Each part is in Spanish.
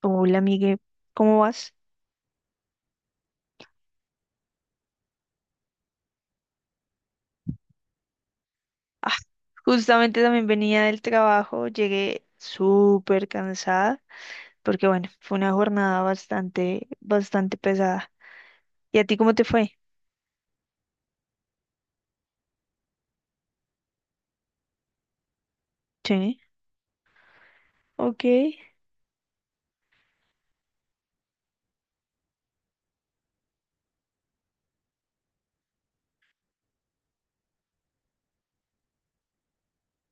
Hola, amigue, ¿cómo vas? Ah, justamente también venía del trabajo, llegué súper cansada, porque bueno, fue una jornada bastante pesada. ¿Y a ti cómo te fue? Sí, ok.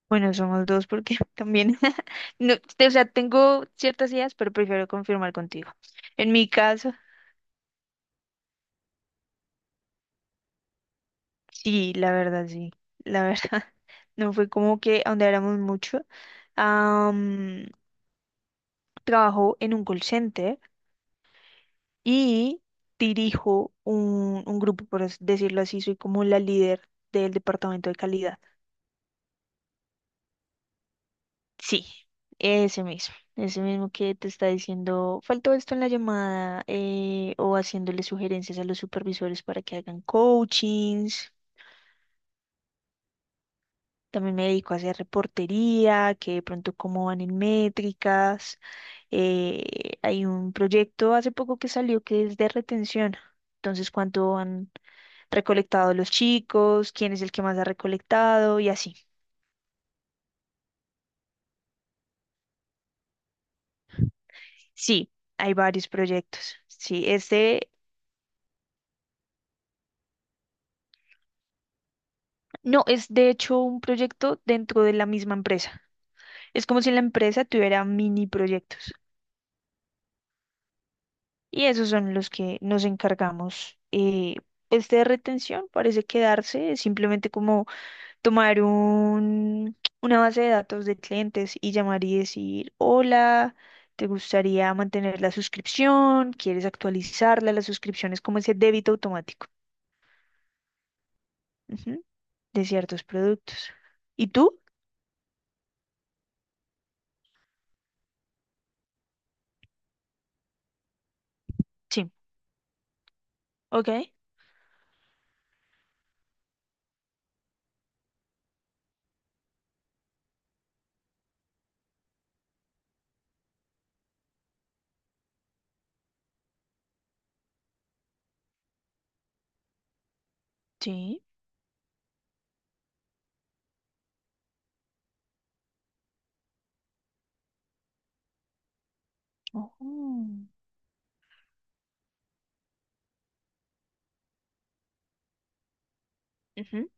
Bueno, somos dos porque también, no, o sea, tengo ciertas ideas, pero prefiero confirmar contigo. En mi caso, sí, la verdad, no fue como que ahondáramos mucho. Am, Trabajo en un call center. Y dirijo un grupo, por decirlo así, soy como la líder del departamento de calidad. Sí, ese mismo que te está diciendo, faltó esto en la llamada o haciéndole sugerencias a los supervisores para que hagan coachings. También me dedico a hacer reportería, que de pronto cómo van en métricas. Eh, Hay un proyecto hace poco que salió que es de retención. Entonces, cuánto han recolectado los chicos, quién es el que más ha recolectado y así. Sí, hay varios proyectos. Sí, este no es de hecho un proyecto dentro de la misma empresa. Es como si la empresa tuviera mini proyectos. Y esos son los que nos encargamos. Pues de retención parece quedarse, simplemente como tomar una base de datos de clientes y llamar y decir, hola, ¿te gustaría mantener la suscripción? ¿Quieres actualizarla? La suscripción es como ese débito automático, ujú, de ciertos productos. ¿Y tú? Sí. Ok. Sí. Oh. Ujú.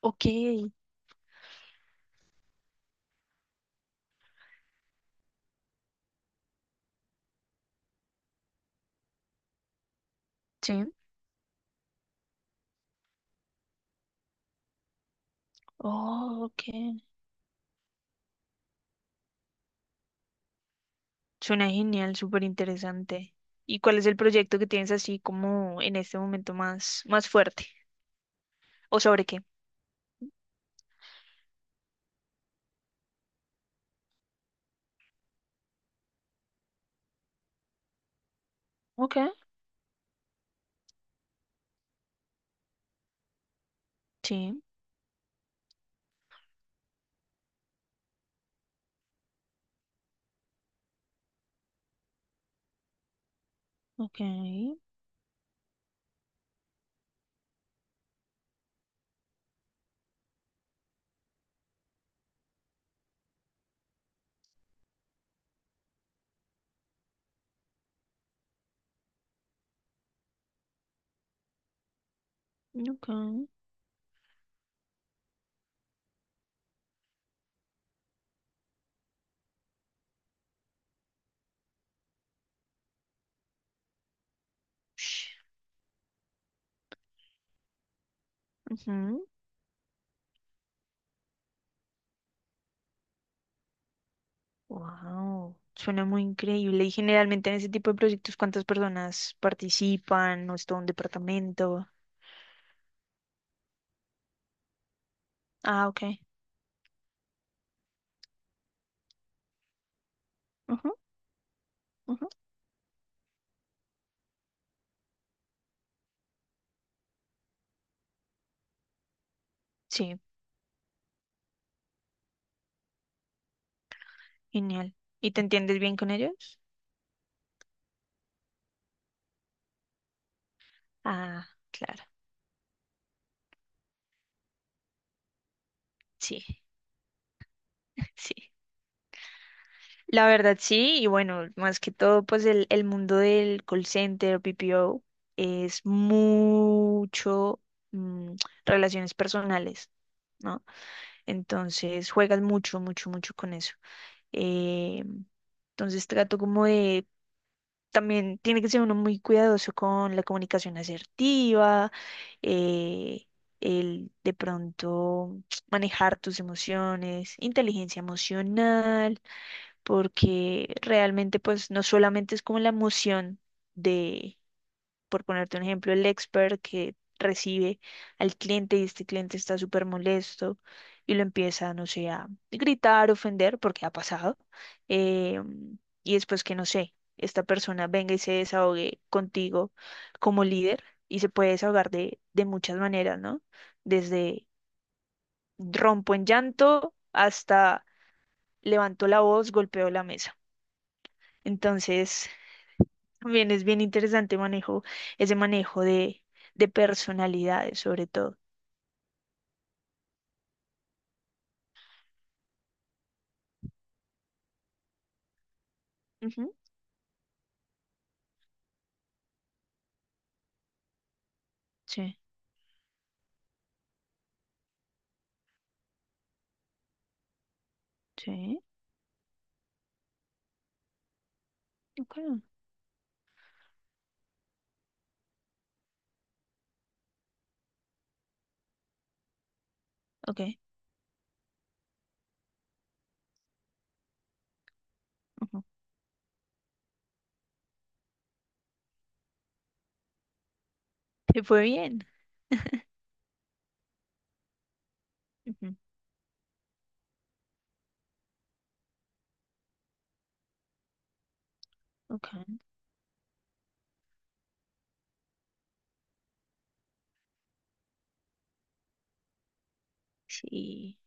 Ok. Sí. Oh, ok. Suena genial, súper interesante. ¿Y cuál es el proyecto que tienes así como en este momento más fuerte? ¿O sobre qué? Ok, sí, ok, ok. Sh, ujú. Wow, suena muy increíble. Y generalmente en ese tipo de proyectos, ¿cuántas personas participan? ¿O es todo un departamento? Ah, ok. Ujú, ujú. Sí, genial. ¿Y te entiendes bien con ellos? Ah, claro, sí, sí. La verdad sí, y bueno, más que todo, pues el mundo del call center, PPO, es mucho, mm, relaciones personales, ¿no? Entonces juegas mucho, mucho, mucho con eso. Eh, entonces trato como de, también tiene que ser uno muy cuidadoso con la comunicación asertiva, eh, el de pronto manejar tus emociones, inteligencia emocional porque realmente pues no solamente es como la emoción de, por ponerte un ejemplo, el expert que recibe al cliente y este cliente está súper molesto y lo empieza, no sé, a gritar, ofender, porque ha pasado, eh, y después que, no sé, esta persona venga y se desahogue contigo como líder y se puede desahogar de muchas maneras, ¿no? Desde rompo en llanto hasta levanto la voz, golpeo la mesa. Entonces, también es bien interesante manejo, ese manejo de personalidades, sobre todo. Ujú, sí, sí, ok, ok. Ujú. Te fue bien. Ujú, ok, sí,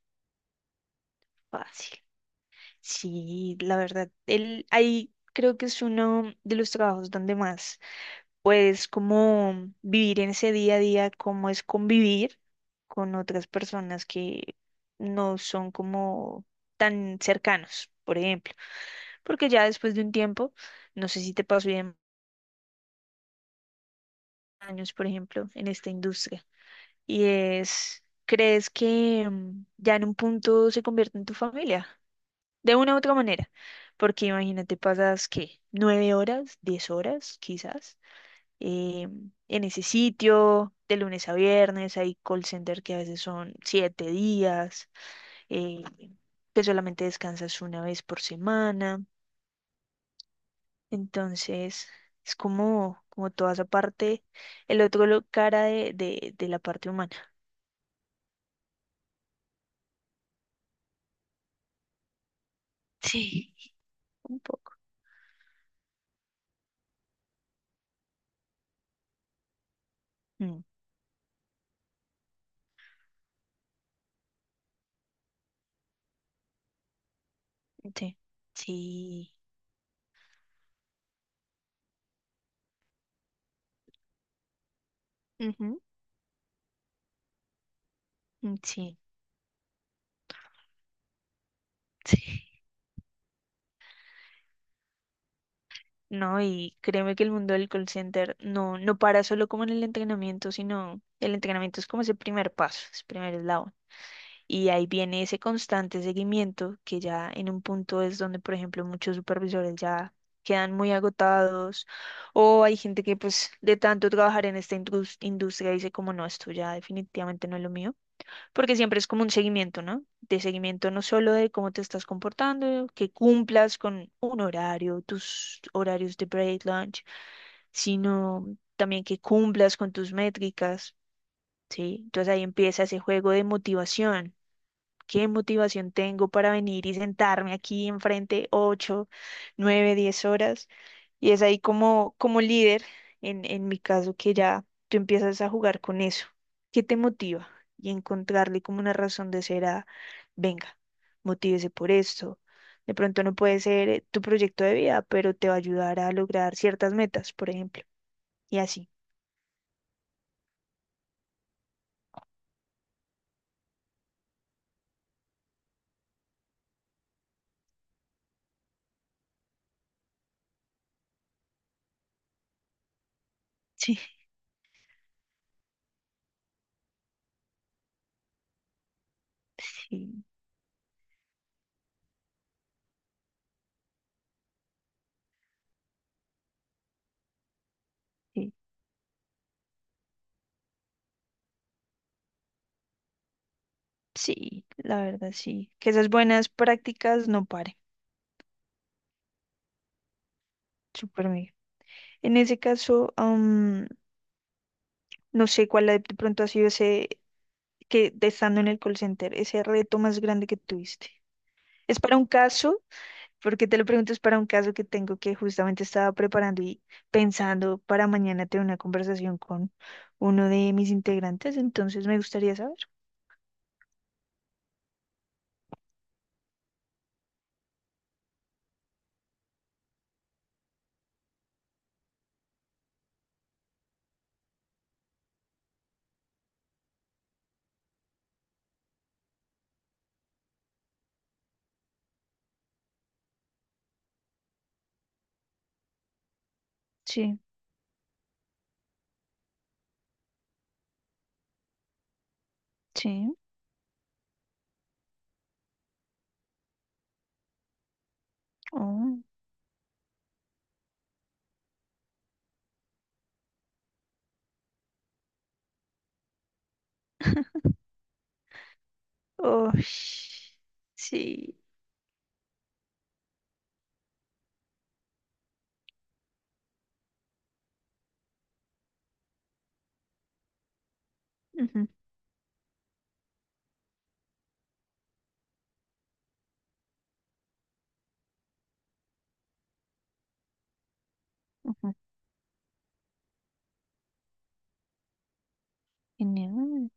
fácil. Sí, la verdad, él ahí creo que es uno de los trabajos donde más pues como vivir en ese día a día, cómo es convivir con otras personas que no son como tan cercanos, por ejemplo. Porque ya después de un tiempo, no sé si te pasó bien años, por ejemplo, en esta industria, y es, ¿crees que, mm, ya en un punto se convierte en tu familia? De una u otra manera, porque imagínate, pasas, ¿qué? ¿Nueve horas? ¿Diez horas? Quizás eh, en ese sitio, de lunes a viernes, hay call center que a veces son siete días, eh, que solamente descansas una vez por semana. Entonces, es como, como toda esa parte, el otro cara de la parte humana. Sí, un poco. Mm, sí, sí, ujú, mm, sí, sí. No, y créeme que el mundo del call center, no, no para solo como en el entrenamiento, sino el entrenamiento es como ese primer paso, ese primer eslabón. Y ahí viene ese constante seguimiento que ya en un punto es donde, por ejemplo, muchos supervisores ya quedan muy agotados o hay gente que pues de tanto trabajar en esta industria dice como no, esto ya definitivamente no es lo mío porque siempre es como un seguimiento, ¿no? De seguimiento no solo de cómo te estás comportando, que cumplas con un horario, tus horarios de break, lunch, sino también que cumplas con tus métricas, ¿sí? Entonces ahí empieza ese juego de motivación. ¿Qué motivación tengo para venir y sentarme aquí enfrente 8, 9, 10 horas? Y es ahí como, como líder, en mi caso, que ya tú empiezas a jugar con eso. ¿Qué te motiva? Y encontrarle como una razón de ser a, venga, motívese por esto. De pronto no puede ser, tu proyecto de vida, pero te va a ayudar a lograr ciertas metas, por ejemplo. Y así. Sí, sí, sí, sí, la verdad, sí. Que esas buenas prácticas no paren. Súper bien. En ese caso, no sé cuál de pronto ha sido ese, que de estando en el call center, ese reto más grande que tuviste. Es para un caso, porque te lo pregunto, es para un caso que tengo que justamente estaba preparando y pensando para mañana tener una conversación con uno de mis integrantes, entonces me gustaría saber. Sí, sí. Oh, oh, sí. Ujú, ujú. Genial.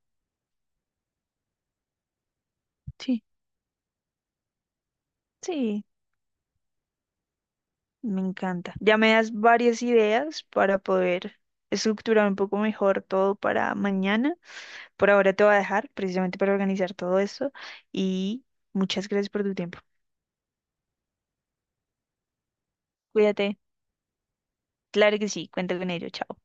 Sí, sí, me encanta. Ya me das varias ideas para poder estructurar un poco mejor todo para mañana. Por ahora te voy a dejar precisamente para organizar todo esto y muchas gracias por tu tiempo. Cuídate. Claro que sí, cuenta con ello. Chao.